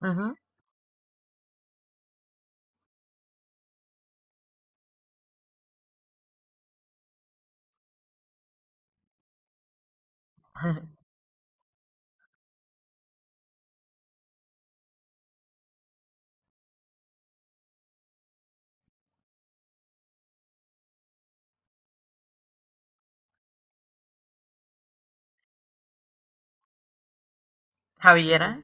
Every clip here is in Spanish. Ujú. Javiera,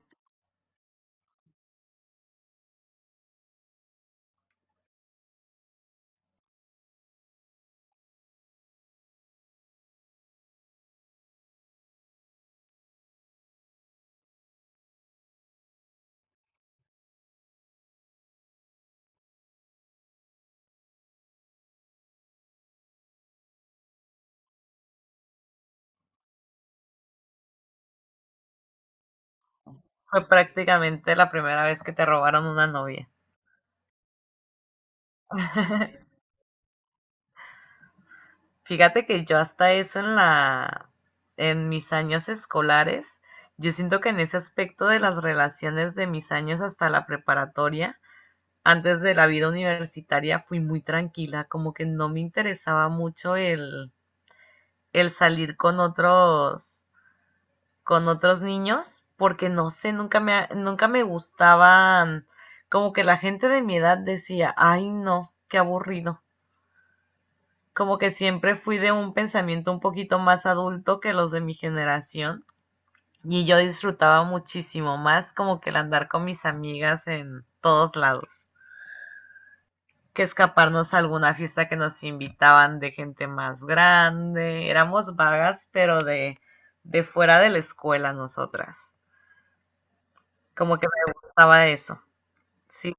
fue prácticamente la primera vez que te robaron una novia. Fíjate que yo hasta eso en en mis años escolares, yo siento que en ese aspecto de las relaciones de mis años hasta la preparatoria, antes de la vida universitaria, fui muy tranquila, como que no me interesaba mucho el salir con otros niños porque no sé, nunca me gustaban, como que la gente de mi edad decía, ay no, qué aburrido. Como que siempre fui de un pensamiento un poquito más adulto que los de mi generación y yo disfrutaba muchísimo más como que el andar con mis amigas en todos lados, que escaparnos a alguna fiesta que nos invitaban de gente más grande. Éramos vagas, pero de fuera de la escuela nosotras. Como que me gustaba eso. Sí,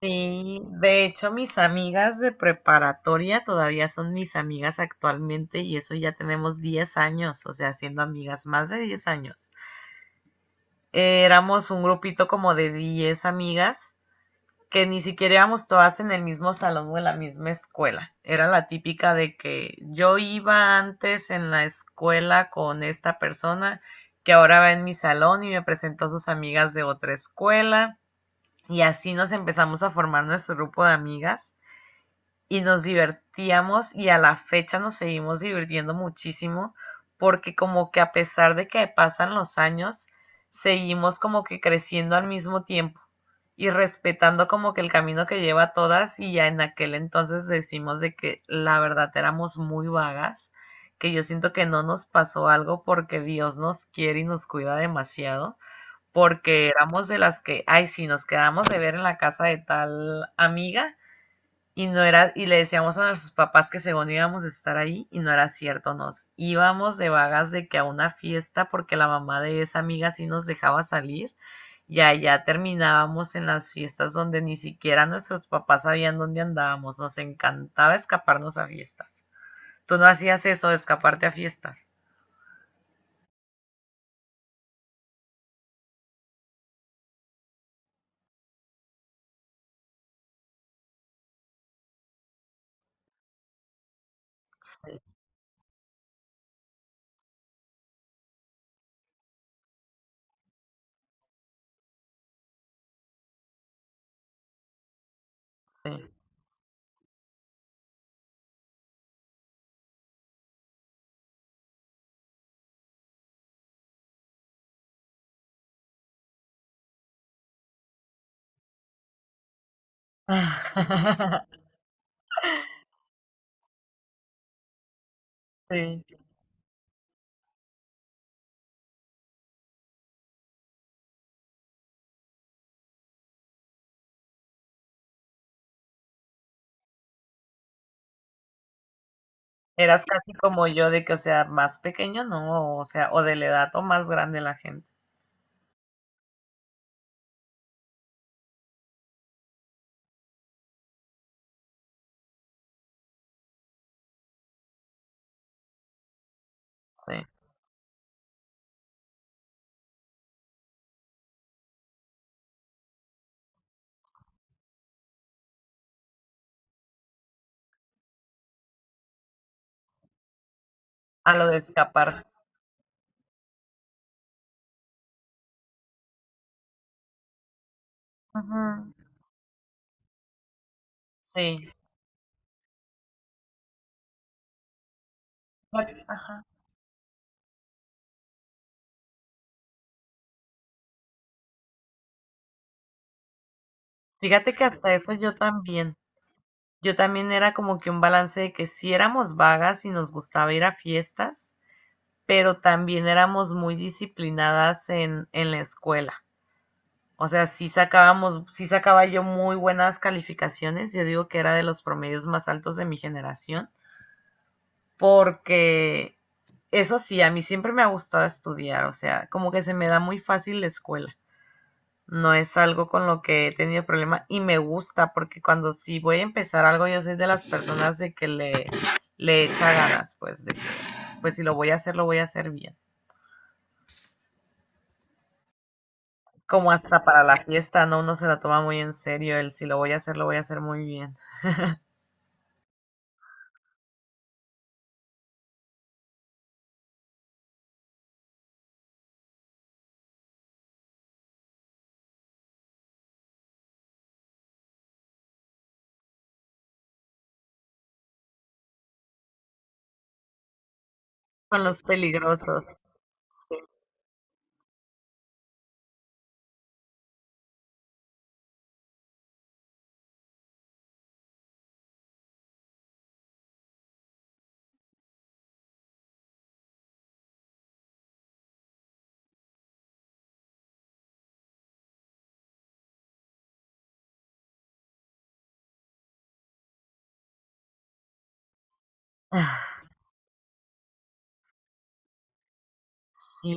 sí. De hecho, mis amigas de preparatoria todavía son mis amigas actualmente y eso ya tenemos 10 años, o sea, siendo amigas más de 10 años. Éramos un grupito como de 10 amigas que ni siquiera éramos todas en el mismo salón o en la misma escuela. Era la típica de que yo iba antes en la escuela con esta persona que ahora va en mi salón y me presentó a sus amigas de otra escuela. Y así nos empezamos a formar nuestro grupo de amigas y nos divertíamos y a la fecha nos seguimos divirtiendo muchísimo porque como que a pesar de que pasan los años, seguimos como que creciendo al mismo tiempo y respetando como que el camino que lleva a todas y ya en aquel entonces decimos de que la verdad éramos muy vagas, que yo siento que no nos pasó algo porque Dios nos quiere y nos cuida demasiado porque éramos de las que, ay, sí, nos quedamos de ver en la casa de tal amiga y no era, y le decíamos a nuestros papás que según íbamos a estar ahí y no era cierto, nos íbamos de vagas de que a una fiesta porque la mamá de esa amiga sí nos dejaba salir y allá terminábamos en las fiestas donde ni siquiera nuestros papás sabían dónde andábamos, nos encantaba escaparnos a fiestas. Tú no hacías eso de escaparte a fiestas. Sí. Sí. Eras casi como yo de que, o sea, más pequeño no, o sea, o de la edad o más grande la gente, sí, a lo de escapar. Ujú. Sí. Fíjate. Ajá. Fíjate que hasta eso yo también. Yo también era como que un balance de que sí éramos vagas y nos gustaba ir a fiestas, pero también éramos muy disciplinadas en la escuela. O sea, sí sacábamos, sí sacaba yo muy buenas calificaciones. Yo digo que era de los promedios más altos de mi generación porque eso sí, a mí siempre me ha gustado estudiar, o sea, como que se me da muy fácil la escuela. No es algo con lo que he tenido problema y me gusta porque cuando sí voy a empezar algo, yo soy de las personas de que le echa ganas, pues, de que, pues si lo voy a hacer, lo voy a hacer bien. Como hasta para la fiesta, ¿no? Uno se la toma muy en serio, el si lo voy a hacer, lo voy a hacer muy bien. Con los peligrosos. Sí,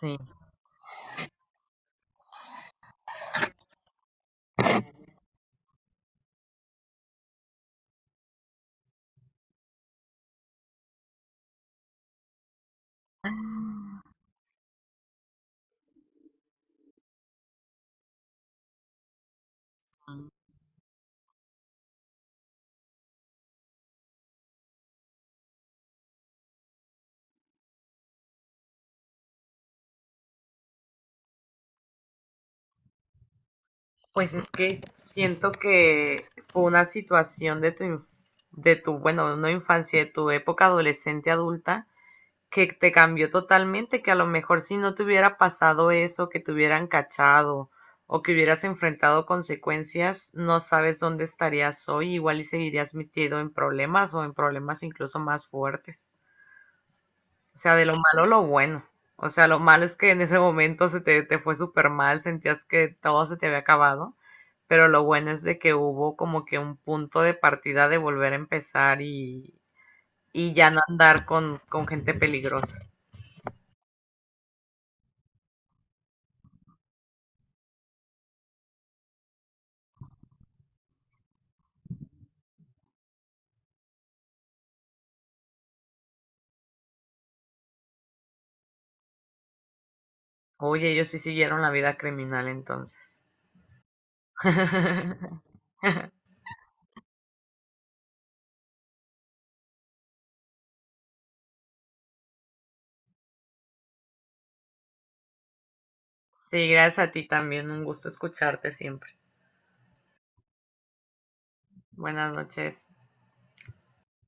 sí. Pues es que siento que fue una situación de tu, de tu, bueno, no infancia, de tu época adolescente adulta, que te cambió totalmente, que a lo mejor si no te hubiera pasado eso, que te hubieran cachado o que hubieras enfrentado consecuencias, no sabes dónde estarías hoy, igual y seguirías metido en problemas o en problemas incluso más fuertes. O sea, de lo malo lo bueno. O sea, lo malo es que en ese momento te fue súper mal, sentías que todo se te había acabado, pero lo bueno es de que hubo como que un punto de partida de volver a empezar y ya no andar con gente peligrosa. Oye, ellos sí siguieron la vida criminal entonces. Sí, gracias a ti también, un gusto escucharte siempre. Buenas noches.